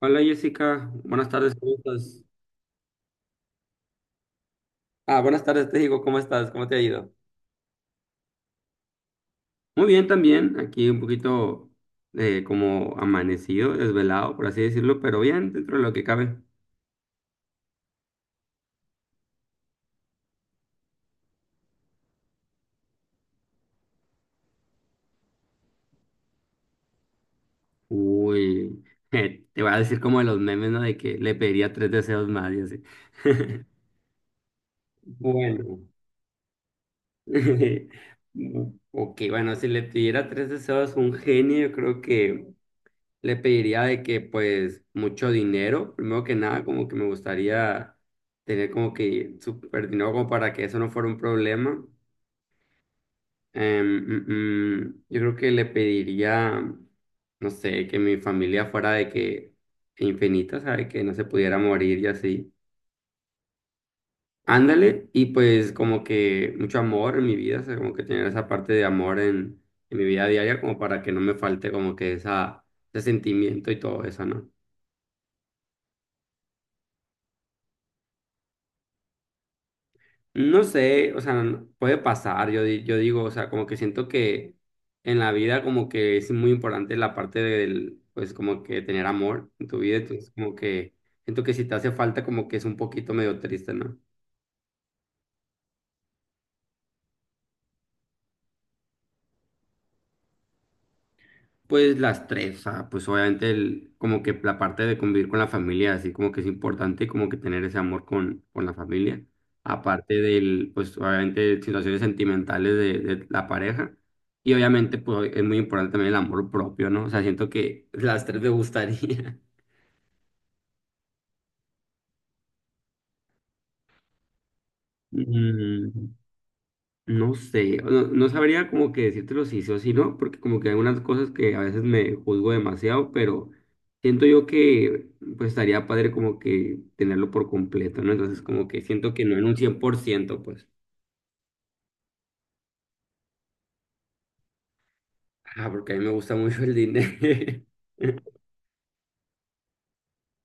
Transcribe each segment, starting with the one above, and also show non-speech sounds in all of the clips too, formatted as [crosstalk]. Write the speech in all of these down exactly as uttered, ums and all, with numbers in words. Hola Jessica, buenas tardes, ¿cómo estás? Ah, buenas tardes, te digo, ¿cómo estás? ¿Cómo te ha ido? Muy bien también, aquí un poquito eh, como amanecido, desvelado, por así decirlo, pero bien, dentro de lo que cabe. Uy, [laughs] te voy a decir como de los memes, ¿no? De que le pediría tres deseos más y así. [laughs] Bueno, [laughs] ok, bueno, si le pidiera tres deseos a un genio, yo creo que... le pediría de que pues mucho dinero, primero que nada, como que me gustaría tener como que súper dinero como para que eso no fuera un problema. Em, mm, mm, yo creo que le pediría, no sé, que mi familia fuera de que infinita, ¿sabe? Que no se pudiera morir y así. Ándale, y pues como que mucho amor en mi vida, o sea, como que tener esa parte de amor en, en mi vida diaria, como para que no me falte como que esa, ese sentimiento y todo eso, ¿no? No sé, o sea, no- puede pasar, yo, di- yo digo, o sea, como que siento que en la vida como que es muy importante la parte del, pues como que tener amor en tu vida, entonces como que siento que si te hace falta como que es un poquito medio triste, ¿no? Pues las tres, ah, pues obviamente el, como que la parte de convivir con la familia, así como que es importante como que tener ese amor con, con la familia, aparte del, pues obviamente situaciones sentimentales de, de la pareja, y obviamente pues es muy importante también el amor propio, ¿no? O sea, siento que las tres me gustaría. [laughs] Mm, No sé, no, no sabría como que decírtelo si sí o si no, porque como que hay unas cosas que a veces me juzgo demasiado, pero siento yo que pues estaría padre como que tenerlo por completo, ¿no? Entonces como que siento que no en un cien por ciento pues, ah, porque a mí me gusta mucho el dinero.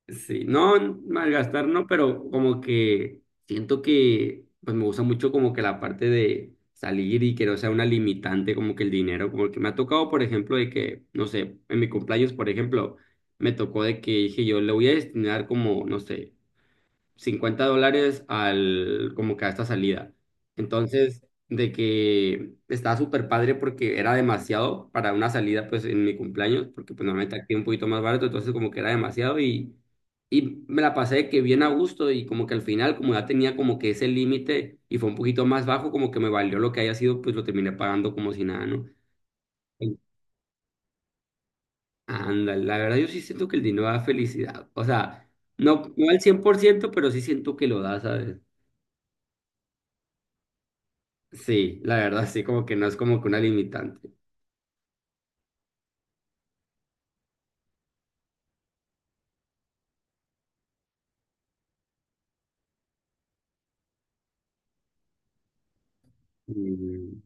Sí, no, malgastar no, pero como que siento que pues me gusta mucho como que la parte de salir y que no sea una limitante como que el dinero, como que me ha tocado, por ejemplo, de que, no sé, en mi cumpleaños, por ejemplo, me tocó de que dije yo le voy a destinar como, no sé, cincuenta dólares al, como que a esta salida. Entonces, de que estaba súper padre porque era demasiado para una salida, pues en mi cumpleaños, porque pues normalmente aquí es un poquito más barato, entonces como que era demasiado y, y me la pasé de que bien a gusto y como que al final, como ya tenía como que ese límite y fue un poquito más bajo, como que me valió lo que haya sido, pues lo terminé pagando como si nada, ¿no? Ándale, la verdad yo sí siento que el dinero da felicidad, o sea, no, no al cien por ciento pero sí siento que lo da, ¿sabes? Sí, la verdad, sí, como que no es como que una limitante. Mm,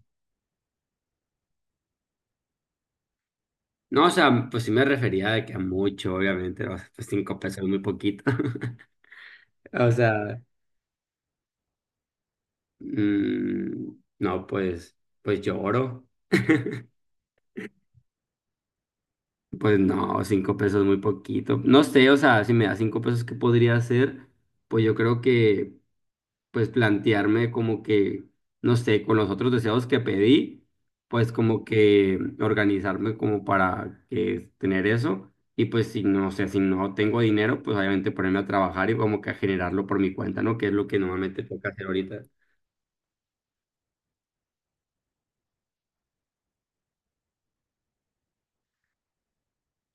No, o sea, pues sí me refería de que a mucho, obviamente, ¿no? Pues cinco pesos es muy poquito. [laughs] O sea, mm, no, pues, pues lloro. [laughs] Pues no, cinco pesos es muy poquito. No sé, o sea, si me da cinco pesos, ¿qué podría hacer? Pues yo creo que pues plantearme como que, no sé, con los otros deseos que pedí, pues como que organizarme como para que tener eso. Y pues si no sé, si no tengo dinero, pues obviamente ponerme a trabajar y como que a generarlo por mi cuenta, ¿no? Que es lo que normalmente toca hacer ahorita.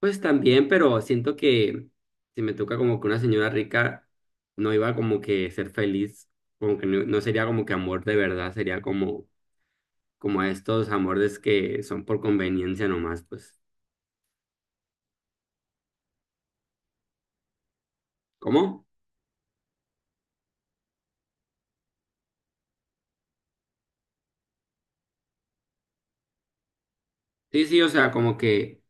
Pues también, pero siento que si me toca como que una señora rica, no iba como que ser feliz, como que no, no sería como que amor de verdad, sería como, como estos amores que son por conveniencia nomás, pues. ¿Cómo? Sí, sí, o sea, como que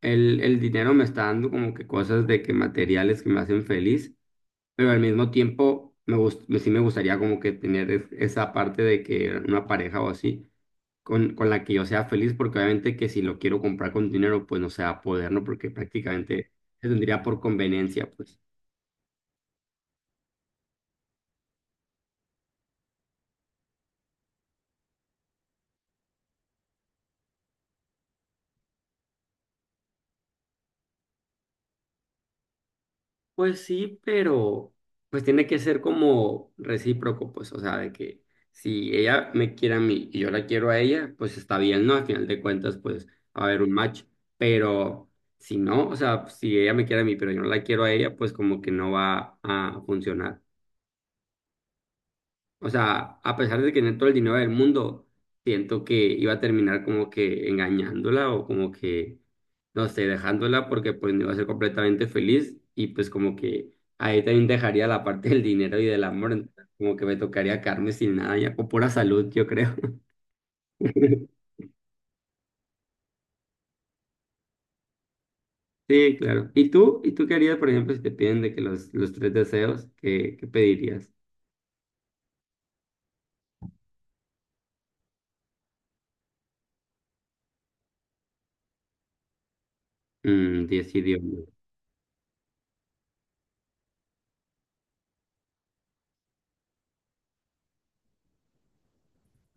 el, el dinero me está dando como que cosas de que materiales que me hacen feliz, pero al mismo tiempo me gust- me- sí me gustaría como que tener es- esa parte de que una pareja o así con, con la que yo sea feliz, porque obviamente que si lo quiero comprar con dinero, pues no se va a poder, ¿no? Porque prácticamente se tendría por conveniencia, pues. Pues sí, pero pues tiene que ser como recíproco, pues, o sea, de que si ella me quiere a mí y yo la quiero a ella, pues está bien, ¿no? Al final de cuentas, pues va a haber un match, pero si no, o sea, si ella me quiere a mí, pero yo no la quiero a ella, pues como que no va a funcionar. O sea, a pesar de que tenía todo el dinero del mundo, siento que iba a terminar como que engañándola o como que no sé, dejándola porque pues no iba a ser completamente feliz y pues como que ahí también dejaría la parte del dinero y del amor, entonces, como que me tocaría quedarme sin nada ya, o pura salud, yo creo. [laughs] Sí, claro. ¿Y tú? ¿Y tú qué harías, por ejemplo, si te piden de que los, los tres deseos, qué, qué pedirías? Mm, diez idiomas.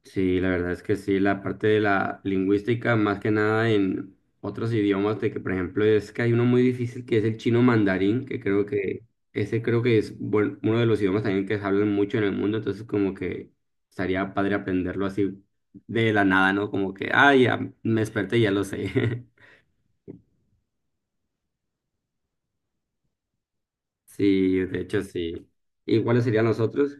Sí, la verdad es que sí, la parte de la lingüística, más que nada en otros idiomas, de que por ejemplo es que hay uno muy difícil que es el chino mandarín, que creo que ese creo que es buen- uno de los idiomas también que se hablan mucho en el mundo, entonces como que estaría padre aprenderlo así de la nada, ¿no? Como que, ah, ya me desperté y ya lo sé. [laughs] Sí, de hecho sí. ¿Y cuáles serían los otros?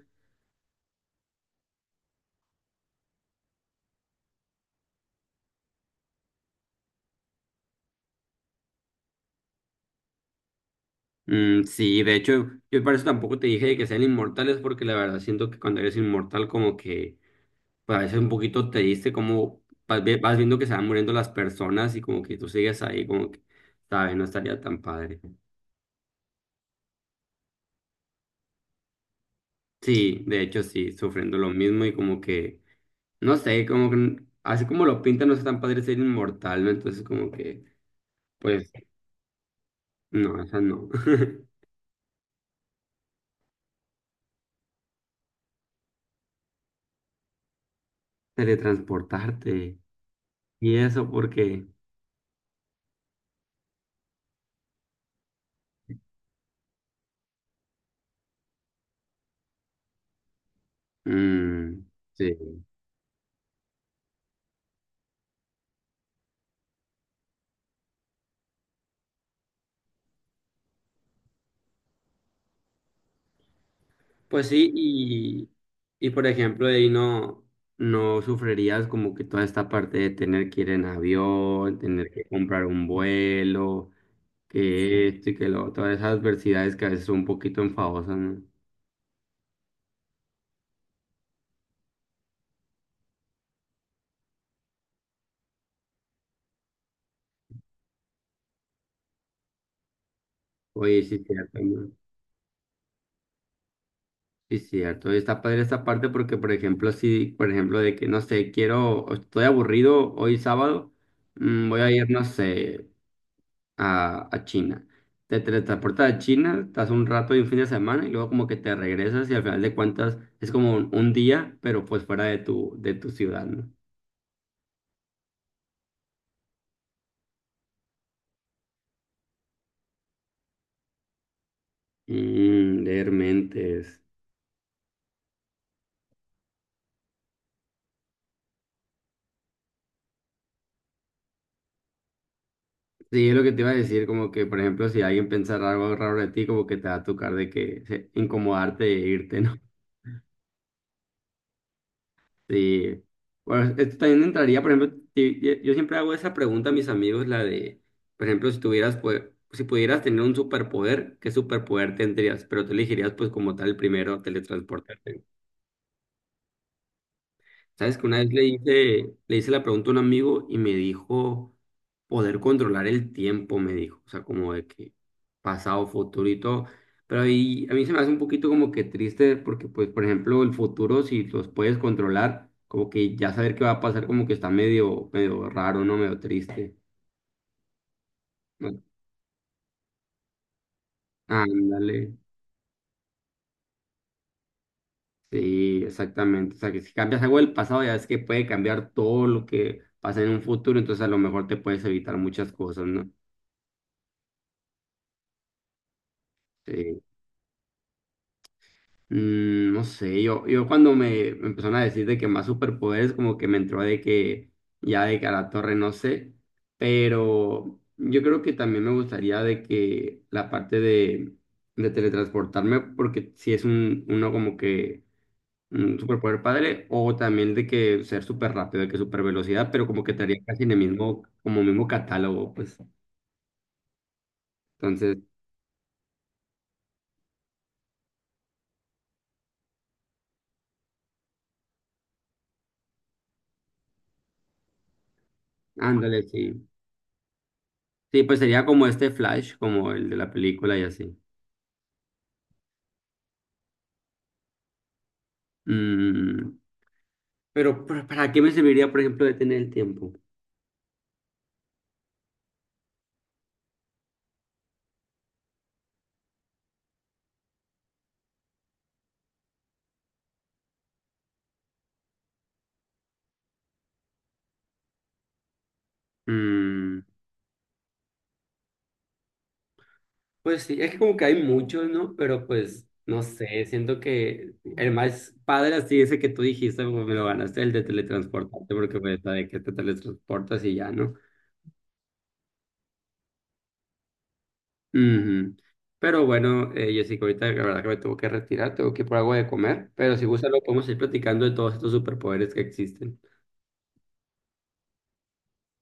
Mm, sí, de hecho, yo por eso tampoco te dije que sean inmortales, porque la verdad siento que cuando eres inmortal como que parece un poquito triste como vas vi- vas viendo que se van muriendo las personas y como que tú sigues ahí, como que, ¿sabes? No estaría tan padre. Sí, de hecho sí, sufriendo lo mismo y como que, no sé, como que, así como lo pintan, no es tan padre ser inmortal, ¿no? Entonces como que, pues, no, esa no. [laughs] Teletransportarte. Y eso porque, mm, sí. Pues sí, y, y por ejemplo, ahí no, no sufrirías como que toda esta parte de tener que ir en avión, tener que comprar un vuelo, que esto y que lo, todas esas adversidades que a veces son un poquito enfadosas, ¿no? Oye, sí, cierto, ¿no? Sí, cierto. Y está padre esta parte porque, por ejemplo, si, por ejemplo, de que, no sé, quiero, estoy aburrido hoy sábado, mm, voy a ir, no sé. a, a China. Te teletransportas a China, estás un rato y un fin de semana y luego como que te regresas y al final de cuentas es como un, un día, pero pues fuera de tu, de tu ciudad, ¿no? Mm, leer mentes. Sí, es lo que te iba a decir, como que, por ejemplo, si alguien pensara algo raro de ti, como que te va a tocar de que se- incomodarte e irte, ¿no? Sí. Bueno, esto también entraría, por ejemplo, y- y- yo siempre hago esa pregunta a mis amigos, la de, por ejemplo, si tuvieras, pues, si pudieras tener un superpoder, ¿qué superpoder tendrías? Pero tú elegirías, pues, como tal, primero teletransportarte. Sabes que una vez le hice, le hice la pregunta a un amigo y me dijo poder controlar el tiempo, me dijo, o sea, como de que pasado, futuro y todo. Pero ahí a mí se me hace un poquito como que triste porque, pues, por ejemplo, el futuro, si los puedes controlar, como que ya saber qué va a pasar, como que está medio, medio raro, ¿no? Medio triste. ¿No? Ándale, sí, exactamente. O sea, que si cambias algo del pasado, ya es que puede cambiar todo lo que pasa en un futuro, entonces a lo mejor te puedes evitar muchas cosas, ¿no? Sí. Mm, no sé, yo, yo, cuando me me empezaron a decir de que más superpoderes, como que me entró de que ya de que a la torre no sé, pero yo creo que también me gustaría de que la parte de, de teletransportarme, porque si es un, uno como que un superpoder padre, o también de que ser súper rápido, de que super velocidad, pero como que estaría casi en el mismo, como mismo catálogo, pues. Entonces, ándale, sí. Sí, pues sería como este Flash, como el de la película y así. Mm, Pero, ¿para para qué me serviría, por ejemplo, de tener el tiempo? Mm, pues sí, es que como que hay muchos, ¿no? Pero pues, no sé, siento que el más padre así ese que tú dijiste, pues, me lo ganaste, el de teletransportarte, porque pues de que te teletransportas y ya, ¿no? Ujú. Pero bueno, eh, Jessica, ahorita la verdad que me tengo que retirar, tengo que ir por algo de comer, pero si gusta lo podemos ir platicando de todos estos superpoderes que existen.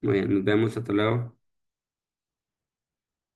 Muy bien, nos vemos, hasta luego.